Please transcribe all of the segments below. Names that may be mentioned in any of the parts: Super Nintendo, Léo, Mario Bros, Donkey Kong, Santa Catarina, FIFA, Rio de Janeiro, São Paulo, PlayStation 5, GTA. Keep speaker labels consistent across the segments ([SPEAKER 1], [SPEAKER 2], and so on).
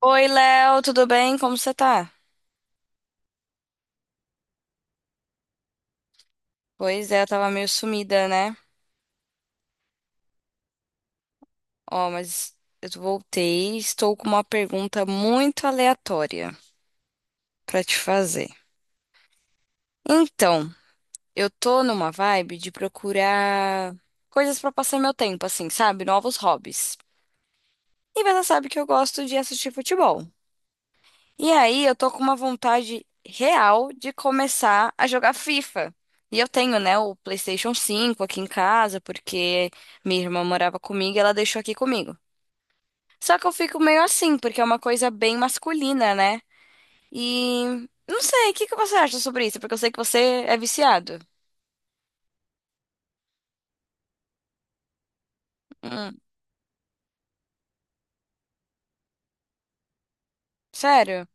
[SPEAKER 1] Oi, Léo, tudo bem? Como você tá? Pois é, eu tava meio sumida, né? Ó, mas eu voltei e estou com uma pergunta muito aleatória pra te fazer. Então, eu tô numa vibe de procurar coisas pra passar meu tempo, assim, sabe? Novos hobbies. E você sabe que eu gosto de assistir futebol. E aí, eu tô com uma vontade real de começar a jogar FIFA. E eu tenho, né, o PlayStation 5 aqui em casa, porque minha irmã morava comigo e ela deixou aqui comigo. Só que eu fico meio assim, porque é uma coisa bem masculina, né? E não sei, o que que você acha sobre isso? Porque eu sei que você é viciado. Hum, sério?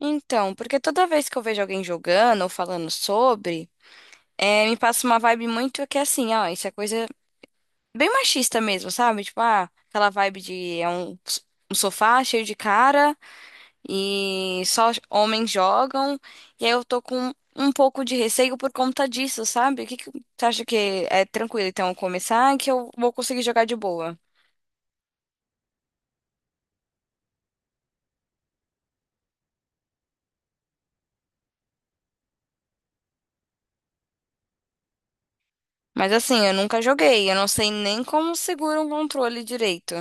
[SPEAKER 1] Então, porque toda vez que eu vejo alguém jogando ou falando sobre, é, me passa uma vibe muito que é assim, ó, isso é coisa bem machista mesmo, sabe? Tipo, ah, aquela vibe de é um sofá cheio de cara e só homens jogam. E aí eu tô com um pouco de receio por conta disso, sabe? O que que você acha que é tranquilo então começar que eu vou conseguir jogar de boa? Mas assim, eu nunca joguei, eu não sei nem como segura um controle direito.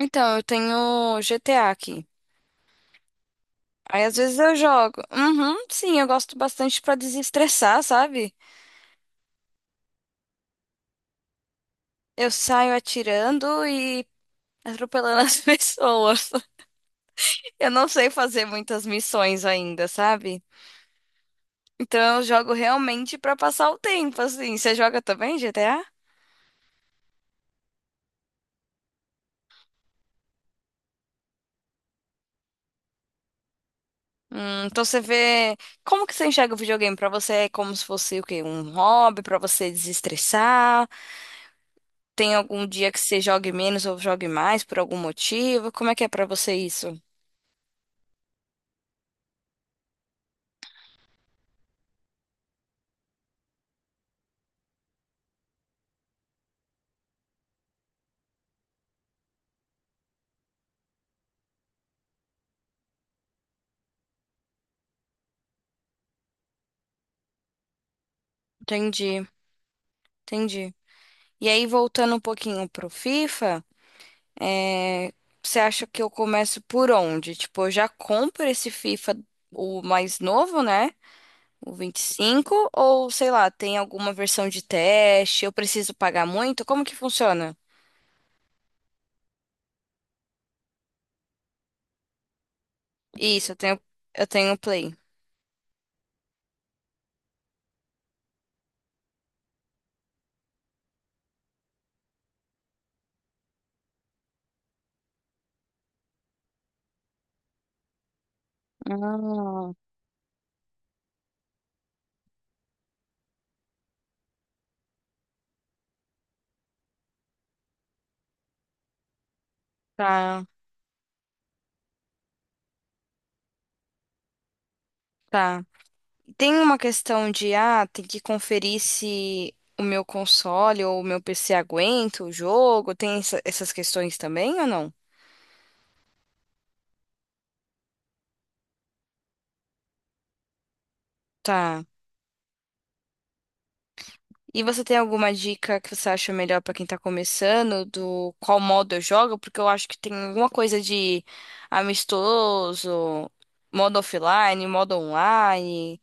[SPEAKER 1] Então, eu tenho GTA aqui. Aí às vezes eu jogo. Uhum, sim, eu gosto bastante pra desestressar, sabe? Eu saio atirando e atropelando as pessoas. Eu não sei fazer muitas missões ainda, sabe? Então eu jogo realmente pra passar o tempo, assim. Você joga também GTA? Então você vê. Como que você enxerga o videogame? Pra você é como se fosse o quê? Um hobby pra você desestressar? Tem algum dia que você jogue menos ou jogue mais por algum motivo? Como é que é pra você isso? Entendi, entendi. E aí, voltando um pouquinho pro FIFA. É, você acha que eu começo por onde? Tipo, eu já compro esse FIFA, o mais novo, né? O vinte e cinco? Ou sei lá, tem alguma versão de teste? Eu preciso pagar muito? Como que funciona? Isso, eu tenho Play. Ah, tá, tá. Tem uma questão de, ah, tem que conferir se o meu console ou o meu PC aguenta o jogo? Tem essas questões também ou não? Tá. E você tem alguma dica que você acha melhor pra quem tá começando, do qual modo eu jogo? Porque eu acho que tem alguma coisa de amistoso, modo offline, modo online.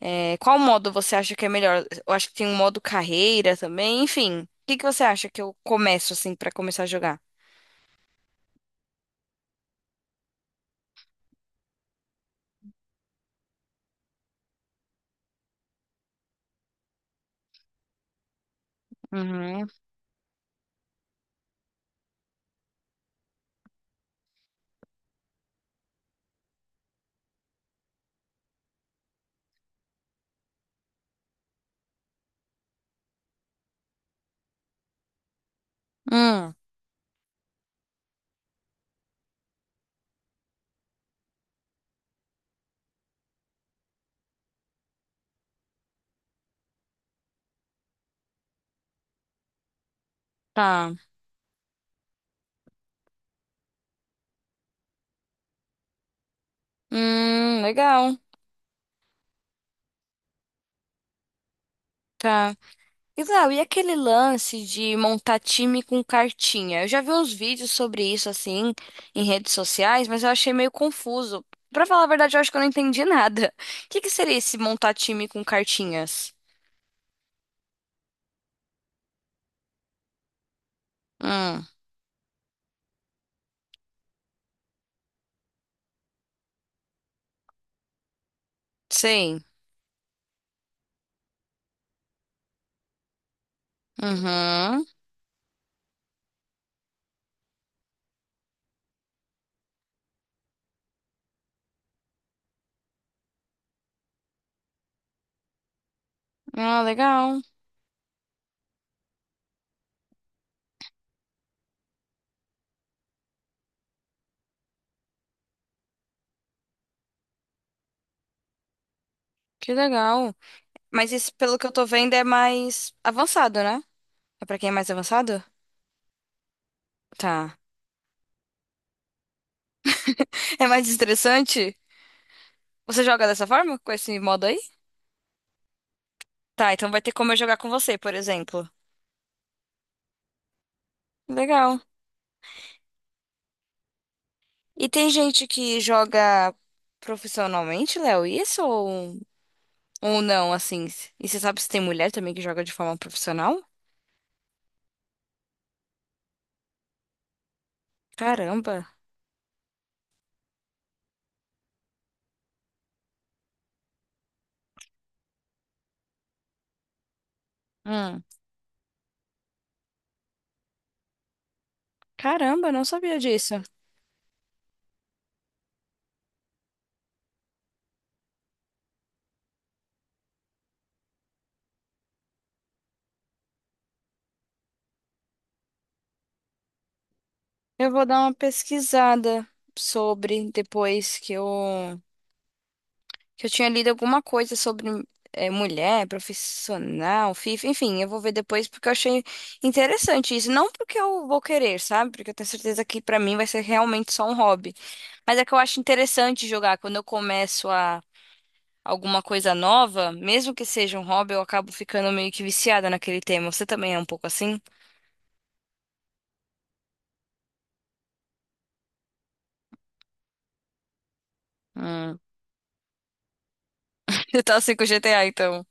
[SPEAKER 1] É, qual modo você acha que é melhor? Eu acho que tem um modo carreira também, enfim. O que que você acha que eu começo assim pra começar a jogar? Uhum. Hum, tá. Legal. Tá. Isau, e aquele lance de montar time com cartinha? Eu já vi uns vídeos sobre isso, assim, em redes sociais, mas eu achei meio confuso. Pra falar a verdade, eu acho que eu não entendi nada. O que que seria esse montar time com cartinhas? Hum, sei. Uhum. Ah, legal. Que legal. Mas isso, pelo que eu tô vendo, é mais avançado, né? É pra quem é mais avançado? Tá. É mais estressante? Você joga dessa forma? Com esse modo aí? Tá, então vai ter como eu jogar com você, por exemplo. Legal. E tem gente que joga profissionalmente, Léo, isso ou não, assim? E você sabe se tem mulher também que joga de forma profissional? Caramba. Hum. Caramba, não sabia disso. Eu vou dar uma pesquisada sobre depois que eu tinha lido alguma coisa sobre mulher, profissional, FIFA, enfim, eu vou ver depois porque eu achei interessante isso. Não porque eu vou querer, sabe? Porque eu tenho certeza que pra mim vai ser realmente só um hobby. Mas é que eu acho interessante jogar. Quando eu começo a alguma coisa nova, mesmo que seja um hobby, eu acabo ficando meio que viciada naquele tema. Você também é um pouco assim? Hum. Você tá assim com o GTA, então.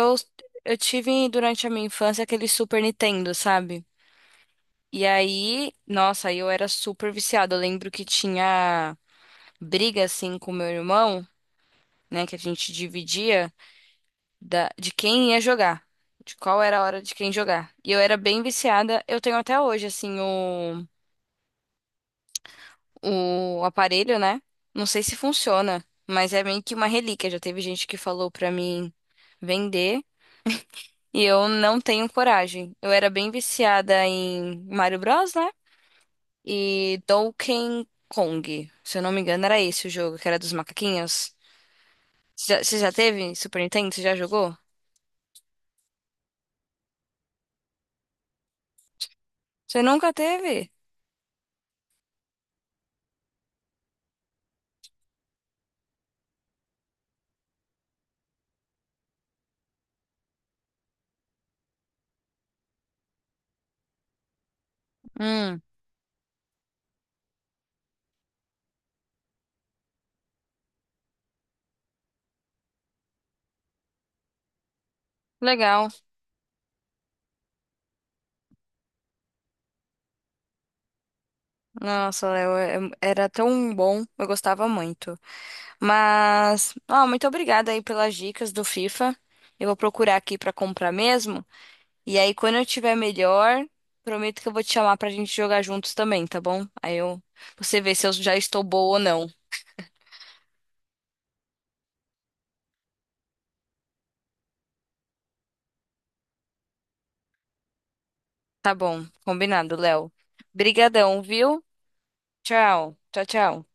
[SPEAKER 1] Eu, eu tive durante a minha infância aquele Super Nintendo, sabe? E aí, nossa, aí eu era super viciada. Eu lembro que tinha briga assim com meu irmão, né, que a gente dividia de quem ia jogar. De qual era a hora de quem jogar. E eu era bem viciada. Eu tenho até hoje, assim, o aparelho, né? Não sei se funciona, mas é meio que uma relíquia. Já teve gente que falou pra mim vender e eu não tenho coragem. Eu era bem viciada em Mario Bros, né? E Donkey Kong. Se eu não me engano, era esse o jogo, que era dos macaquinhos. Você já teve Super Nintendo? Você já jogou? Você nunca teve? Hum, legal. Nossa, Léo, era tão bom. Eu gostava muito. Mas, ó, muito obrigada aí pelas dicas do FIFA. Eu vou procurar aqui pra comprar mesmo. E aí, quando eu tiver melhor, prometo que eu vou te chamar pra gente jogar juntos também, tá bom? Você vê se eu já estou boa ou não. Tá bom, combinado, Léo. Brigadão, viu? Tchau, tchau, tchau.